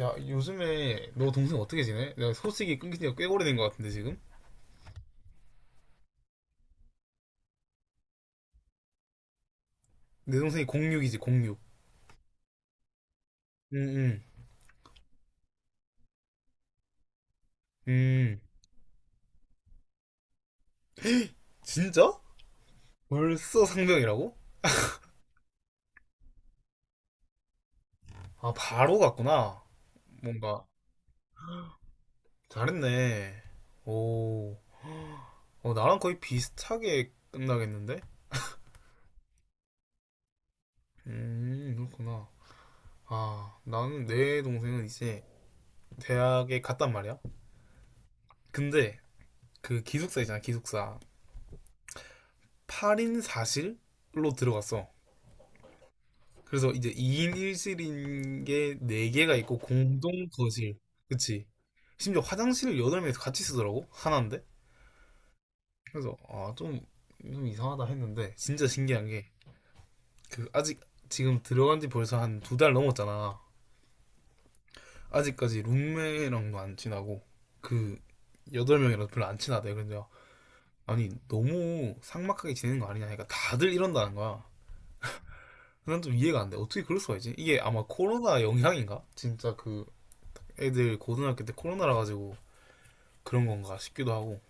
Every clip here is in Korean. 야, 요즘에 너 동생 어떻게 지내? 내가 소식이 끊긴 지가 꽤 오래된 것 같은데, 지금? 내 동생이 06이지, 06. 응, 응, 응. 진짜? 벌써 상병이라고? 아, 바로 갔구나. 뭔가, 잘했네. 오, 나랑 거의 비슷하게 끝나겠는데? 그렇구나. 아, 나는 내 동생은 이제 대학에 갔단 말이야. 근데 그 기숙사 있잖아, 기숙사. 8인 4실로 들어갔어. 그래서 이제 2인 1실인 게 4개가 있고 공동 거실. 그치? 심지어 화장실을 8명이서 같이 쓰더라고? 하나인데? 그래서 아, 좀 이상하다 했는데 진짜 신기한 게 그 아직 지금 들어간 지 벌써 한 두 달 넘었잖아. 아직까지 룸메랑도 안 친하고 그 8명이랑 별로 안 친하대. 근데 아니 너무 삭막하게 지내는 거 아니냐 하니까 다들 이런다는 거야. 난 좀 이해가 안 돼. 어떻게 그럴 수가 있지? 이게 아마 코로나 영향인가? 진짜 그 애들 고등학교 때 코로나라 가지고 그런 건가 싶기도 하고.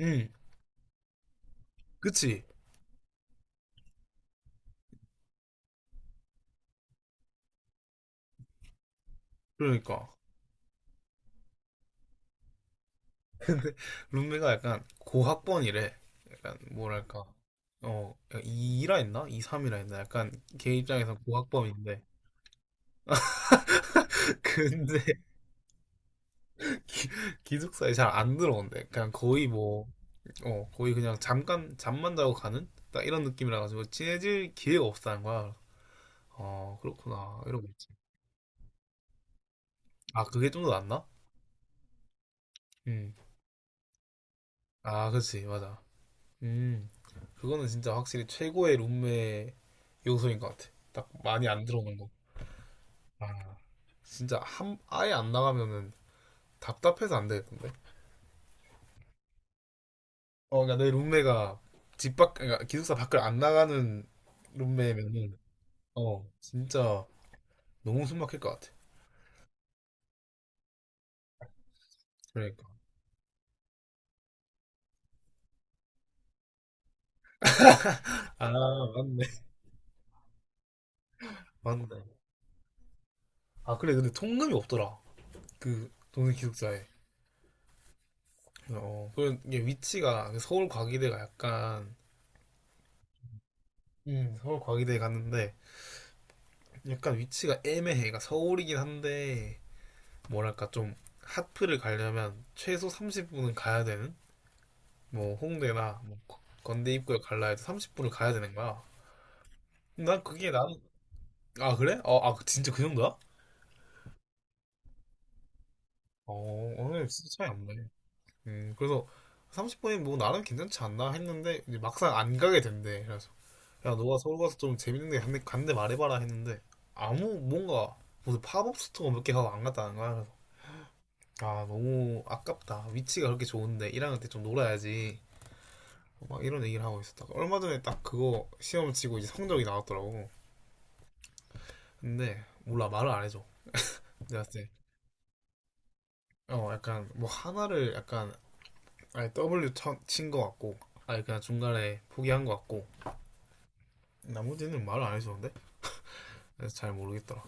응, 그치? 그러니까. 룸메가 약간 고학번이래. 약간 뭐랄까. 어, 이라 했나? 2, 3이라 했나? 약간 걔 입장에선 고학번인데. 근데 기- 기숙사에 잘 안 들어온대. 그냥 거의 뭐, 거의 그냥 잠깐 잠만 자고 가는? 딱 이런 느낌이라 가지고 친해질 기회가 없다는 거야. 어, 그렇구나. 이러고 있지. 아, 그게 좀 더 낫나? 응. 아, 그치. 맞아. 음, 그거는 진짜 확실히 최고의 룸메 요소인 것 같아. 딱 많이 안 들어오는 거. 아, 진짜 아예 안 나가면은 답답해서 안 되겠던데. 어, 그러니까 내 룸메가 그러니까 기숙사 밖을 안 나가는 룸메면은, 어, 진짜 너무 숨 막힐 것 같아. 그러니까. 아, 맞네. 맞네. 아, 그래. 근데 통금이 없더라. 그 동생 기숙사에. 어, 그게 위치가 서울 과기대가 서울 과기대에 갔는데, 약간 위치가 애매해. 그러니까 서울이긴 한데 뭐랄까 좀 하프를 가려면 최소 30분은 가야 되는 뭐 홍대나 뭐 건대 입구에 갈라 해도 30분을 가야 되는 거야. 난 그게 난, 아, 그래? 어, 아, 진짜 그 정도야? 어, 오늘 진짜 차이 안 나네. 그래서 30분이 뭐 나름 괜찮지 않나 했는데 이제 막상 안 가게 된대. 그래서 야, 너가 서울 가서 좀 재밌는 데 간대 말해봐라 했는데 아무 뭔가 무슨 팝업 스토어 몇 개 가고 안 갔다는 거야. 아, 너무 아깝다. 위치가 그렇게 좋은데 1학년 때 좀 놀아야지. 막 이런 얘기를 하고 있었다가 얼마 전에 딱 그거 시험을 치고 이제 성적이 나왔더라고. 근데 몰라 말을 안 해줘. 내가 그때 약간 뭐 하나를 약간 아예 W 친 거 같고 아예 그냥 중간에 포기한 거 같고 나머지는 말을 안 해주는데 그래서 잘 모르겠더라.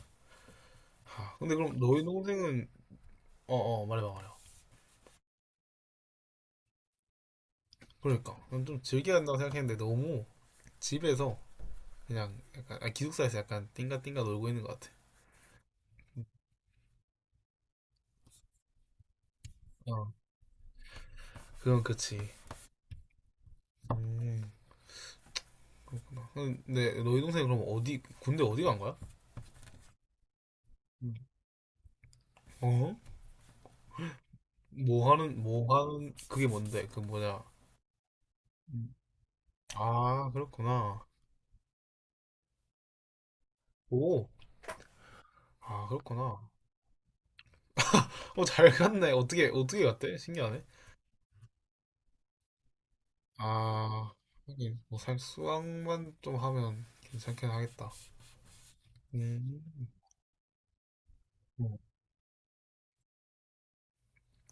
하, 근데 그럼 너희 동생은 어어 어, 말해봐 말해봐. 그러니까 난좀 즐겨야 한다고 생각했는데 너무 집에서 그냥 약간 아, 기숙사에서 약간 띵가띵가 놀고 있는 것 같아. 어. 그건 그치. 음, 그렇구나. 네, 너희 동생 그럼 어디 군대 어디 간 거야? 어? 뭐 하는 그게 뭔데? 그 뭐냐? 아, 그렇구나. 오, 아, 그렇구나. 어, 잘 갔네. 어떻게 갔대? 신기하네. 아, 하긴 뭐살 수학만 좀 하면 괜찮긴 하겠다. 음. 어.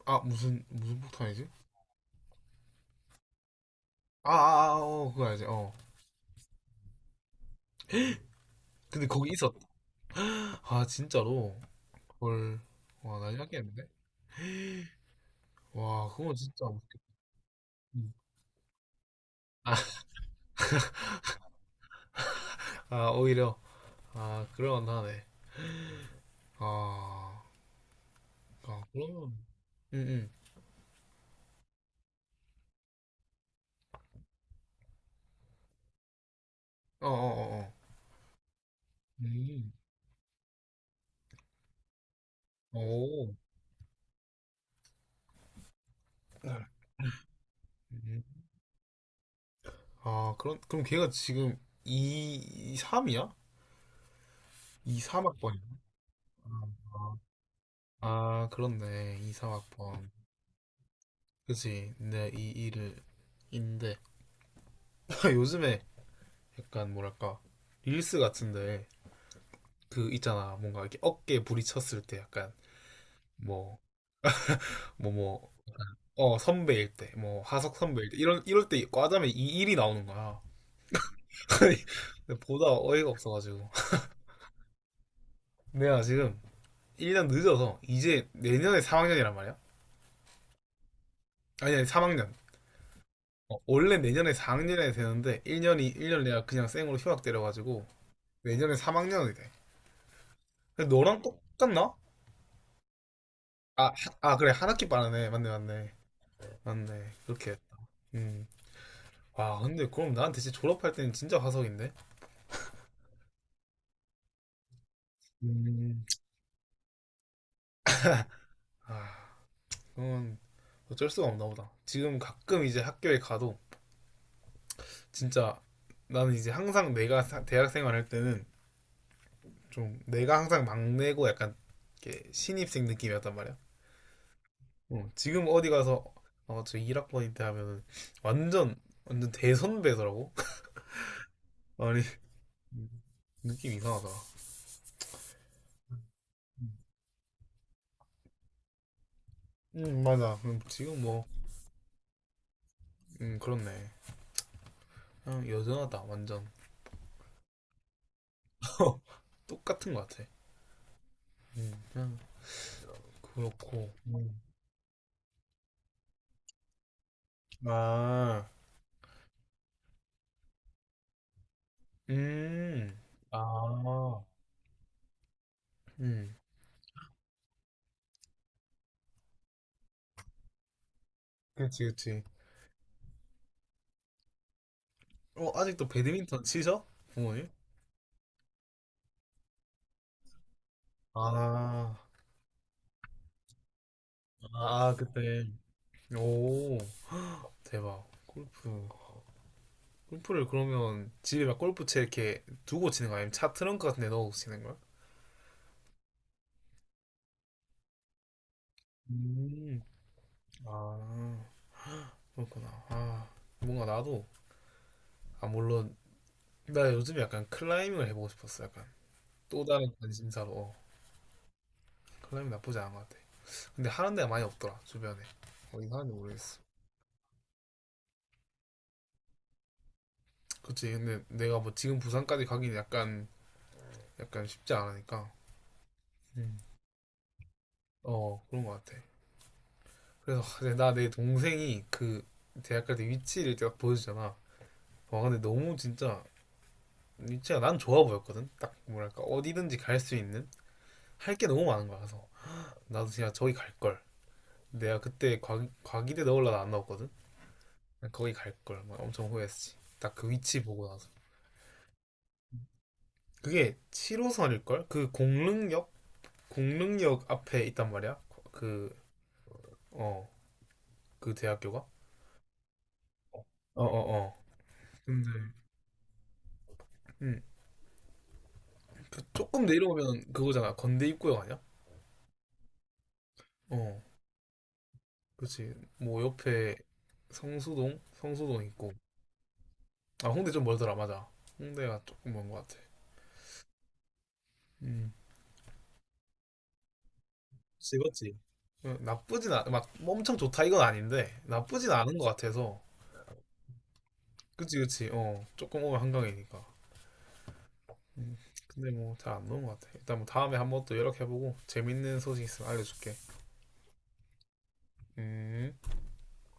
아, 무슨 폭탄이지? 아, 아, 아, 어, 그거 알지. 어. 근데 거기 있었. 아, 진짜로. 헐. 와, 난리 나겠는데? 와, 그건 진짜 무섭겠다. 아, 아, 오히려 아 그럴만 하네. 아, 아 그러면 응응 어어어어 음. 오. 음. 아 그런 그럼 걔가 지금 2 3이야? 2 3학번이야. 아, 아, 아, 그렇네. 2 3학번. 그치. 내이일을 인데 요즘에 약간 뭐랄까 릴스 같은데 그 있잖아 뭔가 이렇게 어깨 부딪혔을 때 약간 뭐뭐뭐 선배일 때, 뭐, 하석 선배일 때, 이럴 때 과자면 이 일이 나오는 거야. 근데 보다 어이가 없어가지고. 내가 지금 1년 늦어서, 이제 내년에 3학년이란 말이야? 아니, 아니, 3학년. 어, 원래 내년에 4학년이 되는데, 1년 내가 그냥 쌩으로 휴학 때려가지고, 내년에 3학년이 돼. 근데 너랑 똑같나? 아, 아, 그래, 한 학기 빠르네. 맞네, 맞네. 맞네. 그렇게 했다. 음. 와, 근데 그럼 나한테 진짜 졸업할 때는 진짜 화석인데? 음. 아, 그건 어쩔 수가 없나 보다. 지금 가끔 이제 학교에 가도 진짜 나는 이제 항상 내가 대학 생활할 때는 좀 내가 항상 막내고 약간 이렇게 신입생 느낌이었단 말이야. 어, 지금 어디 가서 저 1학번인데 하면은 완전 완전 대선배더라고. 아니 느낌 이상하다. 맞아. 지금 뭐 그렇네. 그냥 여전하다 완전 똑같은 것 같아. 그냥 그렇고. 음. 아 음, 아, 음. 그치, 그치. 어, 아직도 배드민턴 치셔? 부모님? 아, 아, 그때. 오, 대박. 골프. 골프를 그러면 집에 막 골프채 이렇게 두고 치는 거야? 아니면 차 트렁크 같은 데 넣어서 치는 거야? 음, 아, 그렇구나. 아, 뭔가 나도, 아, 물론, 나 요즘에 약간 클라이밍을 해보고 싶었어. 약간 또 다른 관심사로. 어, 클라이밍 나쁘지 않은 것 같아. 근데 하는 데가 많이 없더라, 주변에. 어디 하는지 모르겠어. 그치 근데 내가 뭐 지금 부산까지 가긴 약간 쉽지 않으니까 음. 어 그런 것 같아 그래서 나 내 동생이 그 대학 갈때 위치를 딱 보여주잖아 와 근데 너무 진짜 위치가 난 좋아 보였거든 딱 뭐랄까 어디든지 갈 수 있는 할 게 너무 많은 거야 그래서 나도 진짜 저기 갈 걸 내가 그때 과기대 넣으려다 안 넣었거든 거기 갈걸 막 엄청 후회했지 딱 그 위치 보고 나서 그게 7호선일걸 그 공릉역 앞에 있단 말이야 그 어, 그 대학교가? 어, 어, 어. 근데 음, 그 조금 내려오면 그거잖아. 건대 입구역 아니야? 어, 그렇지. 뭐 옆에 성수동 있고. 아, 홍대 좀 멀더라, 맞아. 홍대가 조금 먼 것 같아. 음, 그렇지, 막뭐 엄청 좋다 이건 아닌데 나쁘진 않은 것 같아서. 그치, 그치. 어, 조금 오면 한강이니까. 음, 근데 뭐 잘 안 노는 것 같아. 일단 뭐 다음에 한번 또 연락해보고 재밌는 소식 있으면 알려줄게. 음.